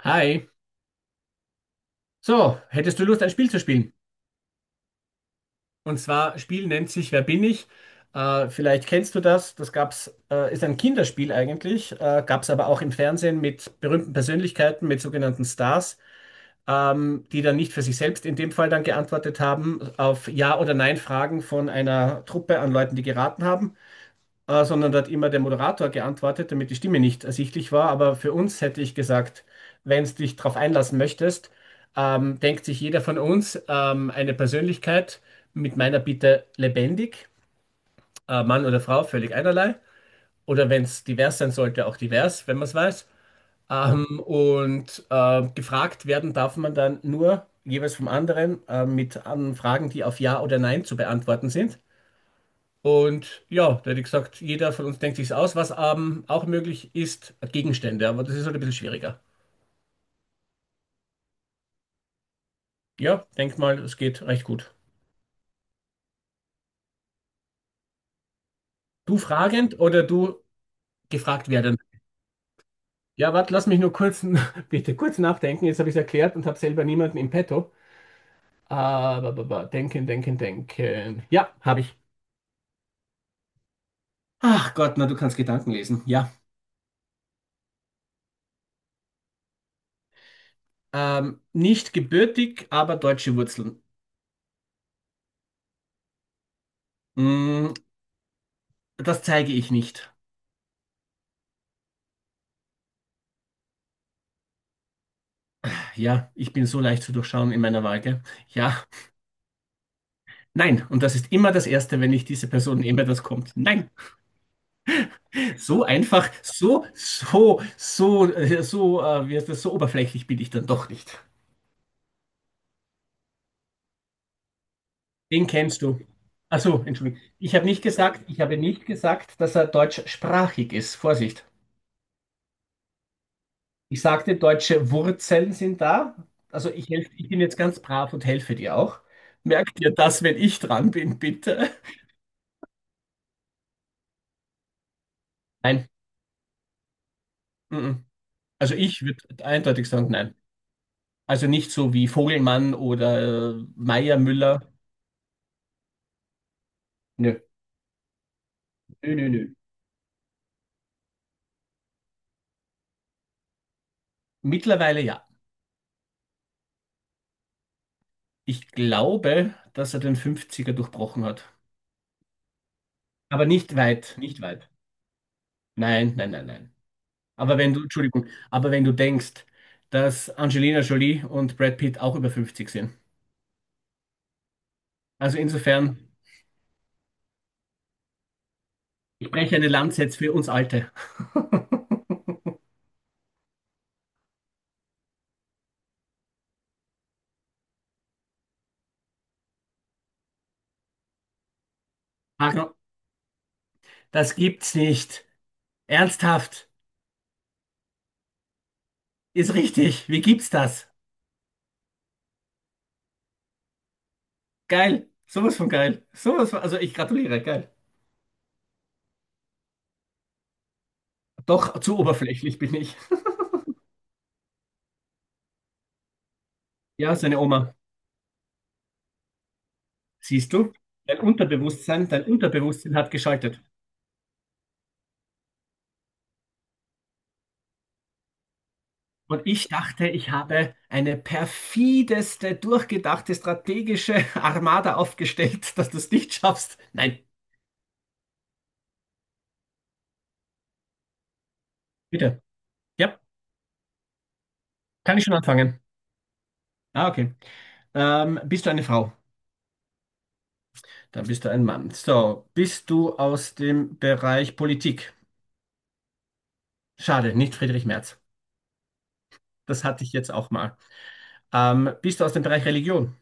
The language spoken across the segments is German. Hi. So, hättest du Lust, ein Spiel zu spielen? Und zwar, Spiel nennt sich Wer bin ich? Vielleicht kennst du das. Das gab's, ist ein Kinderspiel eigentlich, gab's aber auch im Fernsehen mit berühmten Persönlichkeiten, mit sogenannten Stars, die dann nicht für sich selbst in dem Fall dann geantwortet haben auf Ja- oder Nein-Fragen von einer Truppe an Leuten, die geraten haben. Sondern da hat immer der Moderator geantwortet, damit die Stimme nicht ersichtlich war. Aber für uns hätte ich gesagt, wenn du dich darauf einlassen möchtest, denkt sich jeder von uns eine Persönlichkeit mit meiner Bitte lebendig, Mann oder Frau, völlig einerlei. Oder wenn es divers sein sollte, auch divers, wenn man es weiß. Und gefragt werden darf man dann nur jeweils vom anderen mit an Fragen, die auf Ja oder Nein zu beantworten sind. Und ja, da hätte ich gesagt, jeder von uns denkt sich's aus. Was auch möglich ist, Gegenstände, aber das ist halt ein bisschen schwieriger. Ja, denk mal, es geht recht gut. Du fragend oder du gefragt werden? Ja, warte, lass mich nur kurz, bitte kurz nachdenken. Jetzt habe ich es erklärt und habe selber niemanden im Petto. Aber, denken, denken, denken. Ja, habe ich. Ach Gott, na, du kannst Gedanken lesen. Ja. Nicht gebürtig, aber deutsche Wurzeln. Mm, Das zeige ich nicht. Ja, ich bin so leicht zu durchschauen in meiner Wahl, gell? Ja, nein. Und das ist immer das Erste, wenn ich diese Person nehme, das kommt. Nein. So einfach, so, wie heißt das, so oberflächlich bin ich dann doch nicht. Den kennst du. Ach so, Entschuldigung. Ich habe nicht gesagt, dass er deutschsprachig ist. Vorsicht. Ich sagte, deutsche Wurzeln sind da. Also ich bin jetzt ganz brav und helfe dir auch. Merk dir das, wenn ich dran bin, bitte. Nein. Mm-mm. Also ich würde eindeutig sagen, nein. Also nicht so wie Vogelmann oder Meier Müller. Nö, nö, nö, nö. Mittlerweile ja. Ich glaube, dass er den Fünfziger durchbrochen hat. Aber nicht weit, nicht weit. Nein, nein, nein, nein. Aber wenn du, Entschuldigung, aber wenn du denkst, dass Angelina Jolie und Brad Pitt auch über 50 sind. Also insofern, ich breche eine Lanze jetzt für uns Alte. Marco, das gibt's nicht. Ernsthaft. Ist richtig. Wie gibt's das? Geil. Sowas von geil. Sowas von, also ich gratuliere. Geil. Doch, zu oberflächlich bin ich. Ja, seine Oma. Siehst du? Dein Unterbewusstsein hat geschaltet. Und ich dachte, ich habe eine perfideste, durchgedachte, strategische Armada aufgestellt, dass du es nicht schaffst. Nein, bitte. Ja, kann ich schon anfangen. Ah, okay. Bist du eine Frau? Dann bist du ein Mann. So, bist du aus dem Bereich Politik? Schade, nicht Friedrich Merz. Das hatte ich jetzt auch mal. Bist du aus dem Bereich Religion?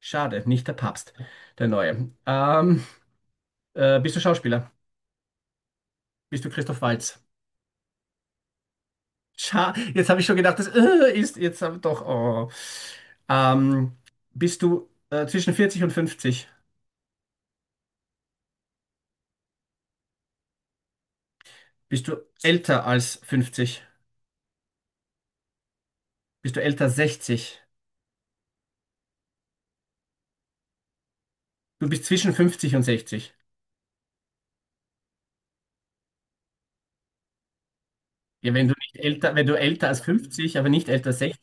Schade, nicht der Papst, der Neue. Bist du Schauspieler? Bist du Christoph Waltz? Scha Jetzt habe ich schon gedacht, das ist jetzt aber doch. Oh. Ähm, Bist du zwischen 40 und 50? Bist du älter als 50? Bist du älter als 60? Du bist zwischen 50 und 60. Ja, wenn du älter als 50, aber nicht älter als 60,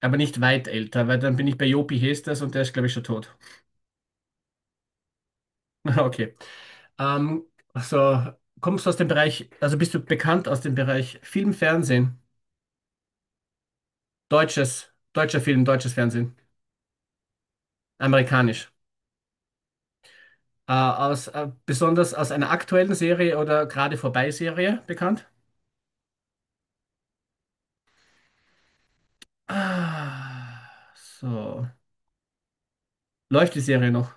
aber nicht weit älter, weil dann bin ich bei Jopi Hestas und der ist, glaube ich, schon tot. Okay. Ähm, also kommst du aus dem Bereich, also bist du bekannt aus dem Bereich Film, Fernsehen, deutscher Film, deutsches Fernsehen, amerikanisch. Besonders aus einer aktuellen Serie oder gerade vorbei Serie bekannt? Ah, so. Läuft die Serie noch?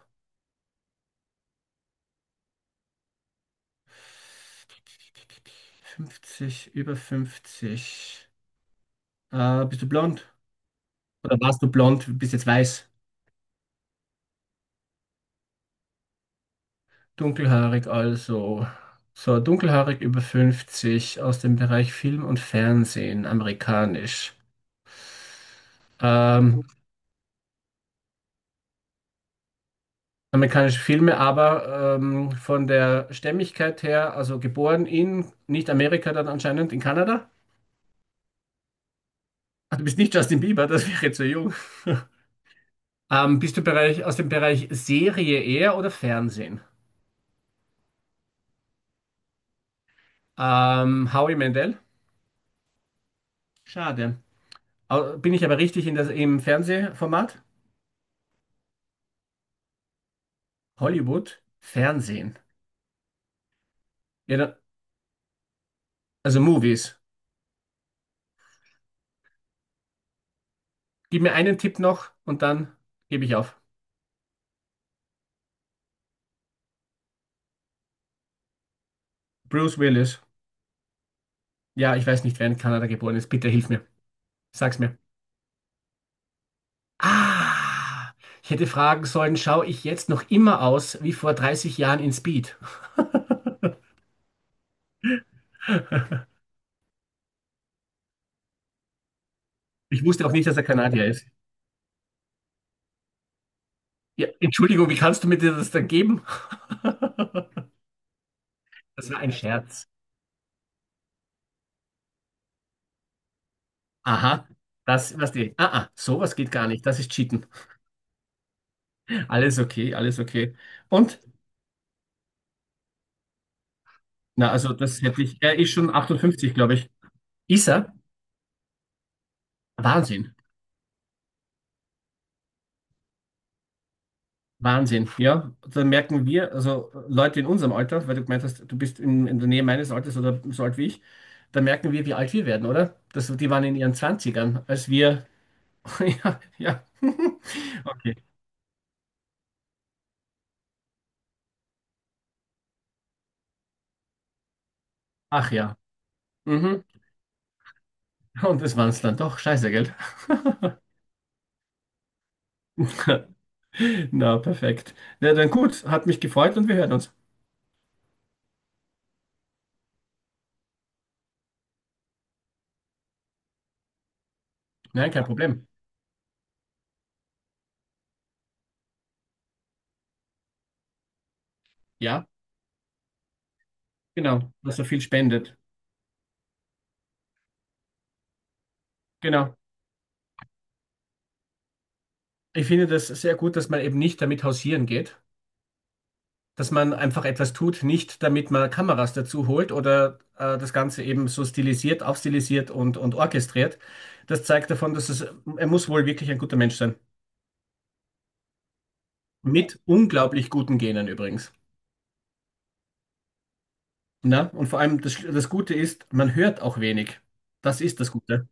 50, über 50. Bist du blond? Oder warst du blond, bist jetzt weiß? Dunkelhaarig also. So, dunkelhaarig über 50 aus dem Bereich Film und Fernsehen, amerikanisch. Ähm, Amerikanische Filme, aber von der Stämmigkeit her, also geboren in, nicht Amerika, dann anscheinend in Kanada. Ah, du bist nicht Justin Bieber, das wäre zu jung. Bist du aus dem Bereich Serie eher oder Fernsehen? Howie Mandel? Schade. Bin ich aber richtig im Fernsehformat? Hollywood? Fernsehen. Ja, dann, also Movies. Gib mir einen Tipp noch und dann gebe ich auf. Bruce Willis. Ja, ich weiß nicht, wer in Kanada geboren ist. Bitte hilf mir. Sag's mir. Ah, ich hätte fragen sollen, schaue ich jetzt noch immer aus wie vor 30 Jahren in Speed? Ich wusste auch nicht, dass er Kanadier ist. Ja, Entschuldigung, wie kannst du mir dir das dann geben? Das war ein Scherz. Aha, das, was die, ah, ah, sowas geht gar nicht. Das ist Cheaten. Alles okay, alles okay. Und? Na, also das hätte ich, er ist schon 58, glaube ich. Ist er? Wahnsinn, Wahnsinn, ja. Da merken wir, also Leute in unserem Alter, weil du gemeint hast, du bist in der Nähe meines Alters oder so alt wie ich, da merken wir, wie alt wir werden, oder? Die waren in ihren 20ern, als wir. Ja, ja. Okay. Ach ja. Mhm. Und das waren es dann doch. Scheiße, gell? Na, perfekt. Na dann gut, hat mich gefreut und wir hören uns. Nein, kein Problem. Ja, genau, dass er viel spendet. Genau. Ich finde das sehr gut, dass man eben nicht damit hausieren geht, dass man einfach etwas tut, nicht damit man Kameras dazu holt oder das Ganze eben so stilisiert, aufstilisiert und orchestriert. Das zeigt davon, dass es, er muss wohl wirklich ein guter Mensch sein. Mit unglaublich guten Genen übrigens. Na? Und vor allem das Gute ist, man hört auch wenig. Das ist das Gute.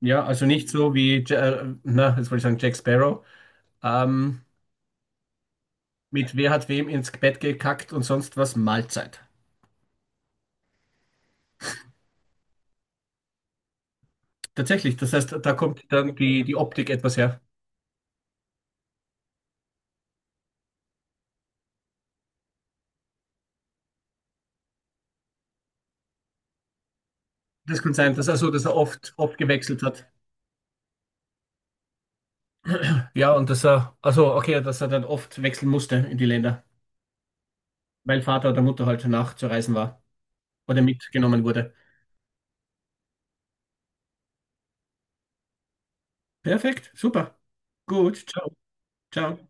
Ja, also nicht so wie, na, jetzt wollte ich sagen, Jack Sparrow, ähm, mit wer hat wem ins Bett gekackt und sonst was, Mahlzeit. Tatsächlich, das heißt, da kommt dann die Optik etwas her. Das kann sein, dass er oft, oft gewechselt hat. Ja, und dass er, also okay, dass er dann oft wechseln musste in die Länder, weil Vater oder Mutter halt nachzureisen war oder mitgenommen wurde. Perfekt, super. Gut, ciao, ciao.